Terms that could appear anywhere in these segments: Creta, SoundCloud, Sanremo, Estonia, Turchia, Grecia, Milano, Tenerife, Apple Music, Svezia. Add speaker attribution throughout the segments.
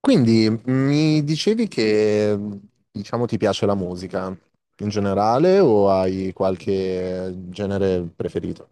Speaker 1: Quindi mi dicevi che, diciamo, ti piace la musica in generale o hai qualche genere preferito?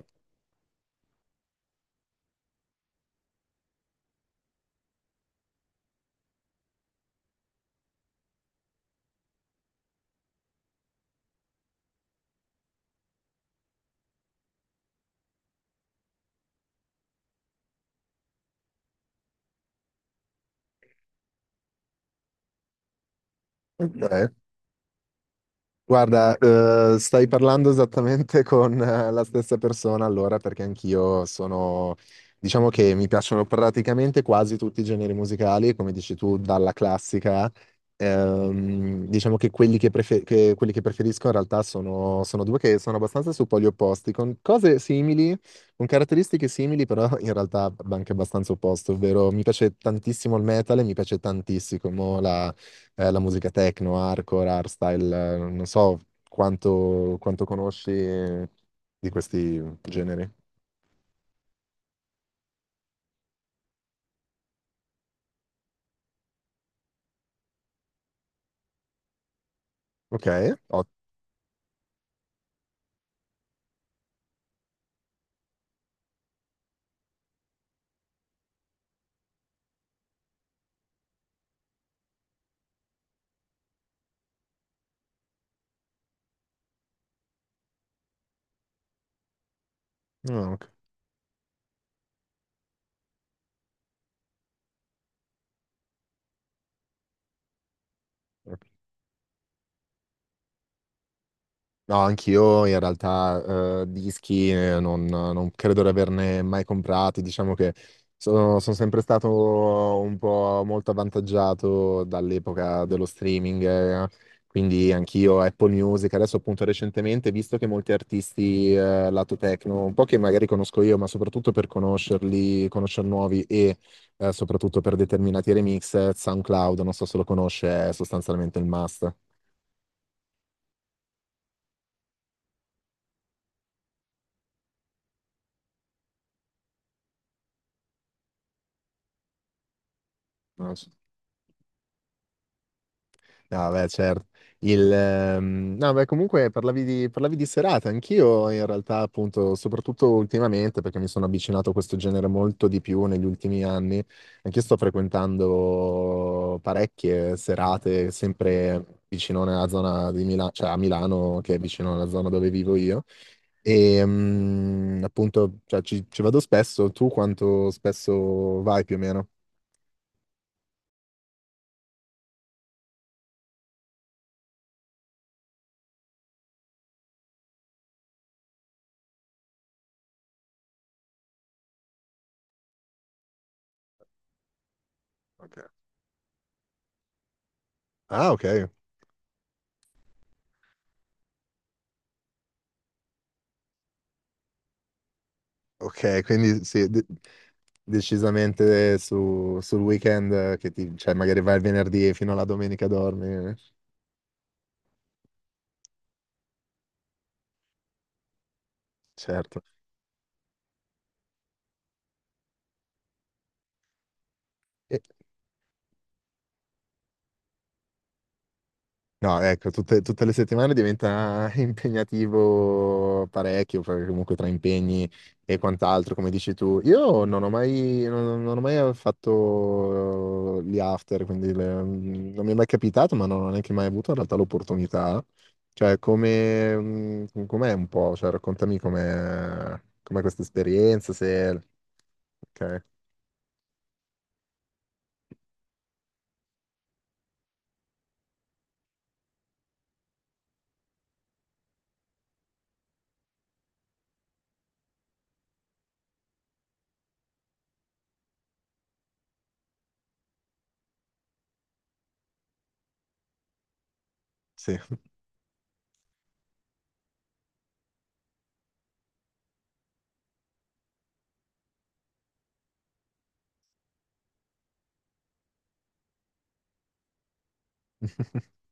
Speaker 1: Ok. Guarda, stai parlando esattamente con la stessa persona, allora, perché anch'io sono, diciamo, che mi piacciono praticamente quasi tutti i generi musicali, come dici tu, dalla classica. Diciamo che quelli che preferisco in realtà sono due che sono abbastanza su poli opposti, con cose simili, con caratteristiche simili, però in realtà anche abbastanza opposto, ovvero mi piace tantissimo il metal e mi piace tantissimo la musica techno, hardcore, hardstyle, non so quanto conosci di questi generi. Ok, ottimo. Ok, ok. No, anch'io in realtà, dischi, non credo di averne mai comprati, diciamo che sono sempre stato un po' molto avvantaggiato dall'epoca dello streaming, eh, quindi anch'io Apple Music, adesso appunto recentemente, visto che molti artisti, lato techno, un po' che magari conosco io, ma soprattutto per conoscerli, conoscere nuovi e soprattutto per determinati remix, SoundCloud, non so se lo conosce, è sostanzialmente il must. No, beh, certo. Il, no, beh, Comunque parlavi di serate, anch'io in realtà, appunto, soprattutto ultimamente, perché mi sono avvicinato a questo genere molto di più negli ultimi anni, anch'io sto frequentando parecchie serate, sempre vicino alla zona di Milano, cioè a Milano, che è vicino alla zona dove vivo io, e appunto, cioè, ci vado spesso. Tu quanto spesso vai, più o meno? Ok. Ah, ok, ok, quindi sì, decisamente sul weekend, che ti, cioè magari vai il venerdì e fino alla domenica dormi, certo. E- No, ecco, tutte le settimane diventa impegnativo parecchio, perché comunque tra impegni e quant'altro, come dici tu. Io non ho mai fatto, gli after, quindi non mi è mai capitato, ma non ho neanche mai avuto in realtà l'opportunità. Cioè, come, com'è un po'? Cioè, raccontami com'è questa esperienza, se... Ok, sì.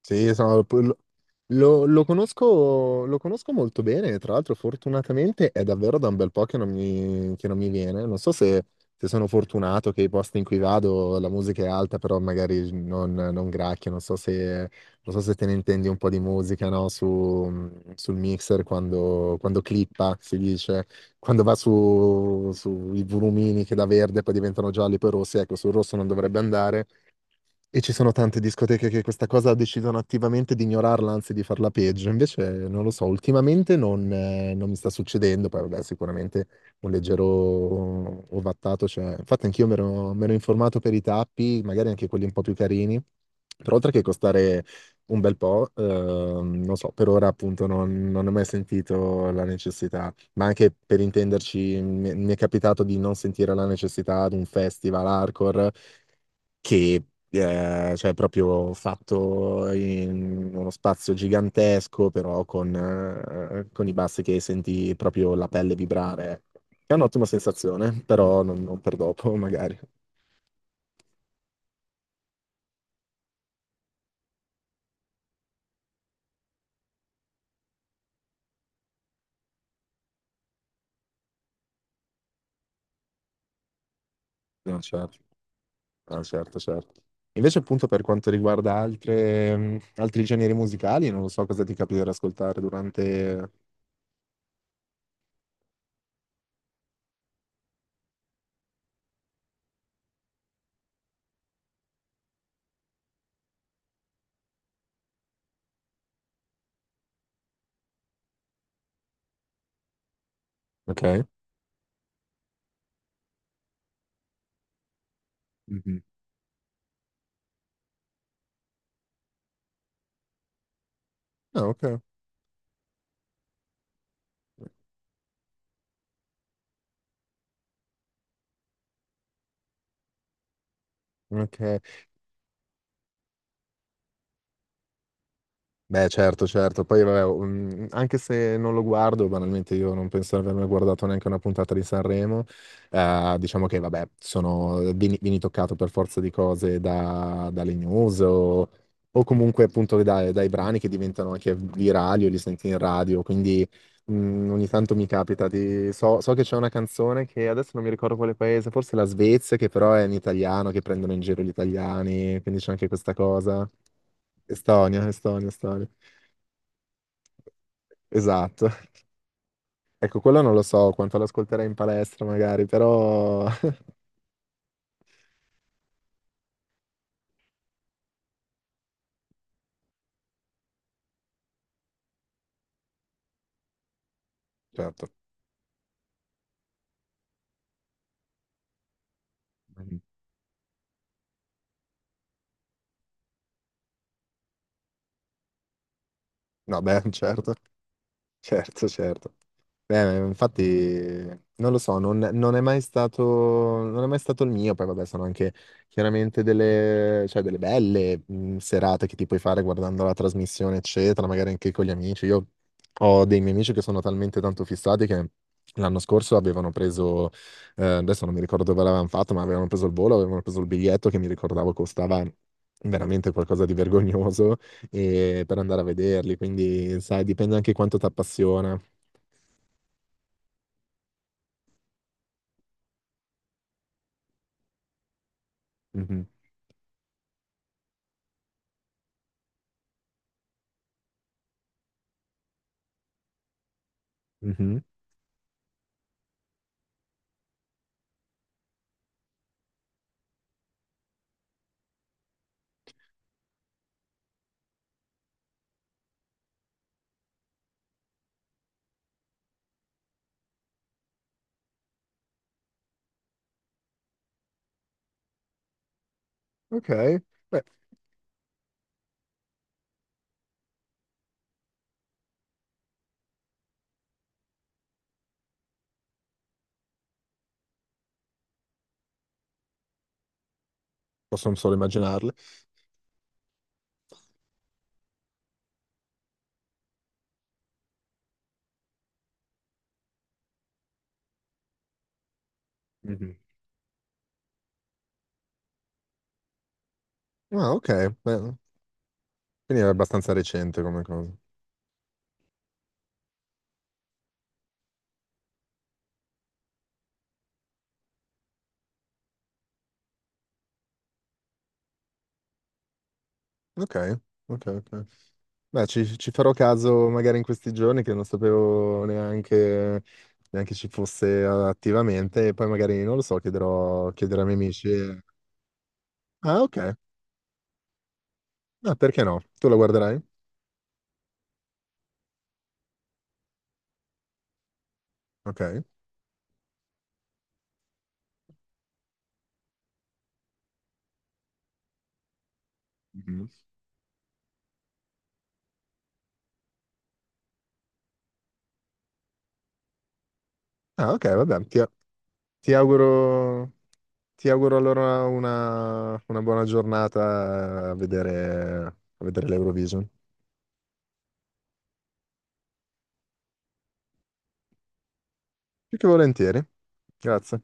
Speaker 1: Sì, lo conosco, lo conosco molto bene, tra l'altro fortunatamente è davvero da un bel po' che non mi viene. Non so se, se sono fortunato che i posti in cui vado la musica è alta, però magari non gracchia, non so se, non so se te ne intendi un po' di musica, no? Sul mixer quando clippa, si dice, quando va su, sui volumini che da verde poi diventano gialli, poi rossi, ecco, sul rosso non dovrebbe andare, e ci sono tante discoteche che questa cosa decidono attivamente di ignorarla, anzi di farla peggio. Invece, non lo so, ultimamente non mi sta succedendo. Poi, vabbè, sicuramente un leggero ovattato c'è. Infatti, anch'io mi ero informato per i tappi, magari anche quelli un po' più carini. Però, oltre che costare un bel po', non so, per ora appunto non ho mai sentito la necessità. Ma anche per intenderci, mi è capitato di non sentire la necessità di un festival hardcore che cioè proprio fatto in uno spazio gigantesco, però con i bassi che senti proprio la pelle vibrare. È un'ottima sensazione, però non per dopo, magari. No, certo. Ah, certo, certo. Invece, appunto, per quanto riguarda altri generi musicali, non lo so cosa ti capita di ascoltare durante... Ok. Mhm. Ah, ok. Ok. Beh, certo, certo. Poi, vabbè, anche se non lo guardo, banalmente io non penso di aver mai guardato neanche una puntata di Sanremo. Diciamo che, vabbè, sono, vieni toccato per forza di cose dalle news o comunque appunto dai brani che diventano anche virali o li senti in radio. Quindi mm, ogni tanto mi capita di... So, so che c'è una canzone che adesso non mi ricordo quale paese, forse la Svezia, che però è in italiano, che prendono in giro gli italiani, quindi c'è anche questa cosa. Estonia, Estonia, Estonia. Esatto. Ecco, quello non lo so quanto l'ascolterei in palestra magari, però... Certo. No, beh, certo, certo, certo. Infatti, non lo so, non è mai stato, non è mai stato il mio. Poi, vabbè, sono anche chiaramente delle, cioè, delle belle serate che ti puoi fare guardando la trasmissione, eccetera, magari anche con gli amici. Io ho dei miei amici che sono talmente tanto fissati che l'anno scorso avevano preso, adesso non mi ricordo dove l'avevano fatto, ma avevano preso il volo, avevano preso il biglietto, che mi ricordavo costava veramente qualcosa di vergognoso per andare a vederli. Quindi, sai, dipende anche quanto ti appassiona. Mhm. Mhm. Ok, beh, posso solo immaginarle. Mhm. Ah, ok, beh, quindi è abbastanza recente come cosa. Ok, ok, ok. Beh, ci farò caso magari in questi giorni, che non sapevo neanche, neanche ci fosse attivamente, e poi magari, non lo so, chiederò, chiederò ai miei amici. Ah, ok, ah, perché no? Tu la guarderai? Ok. Mhm. Ah, ok, vabbè, ti auguro... Ti auguro allora una buona giornata a vedere l'Eurovision. Più che volentieri. Grazie.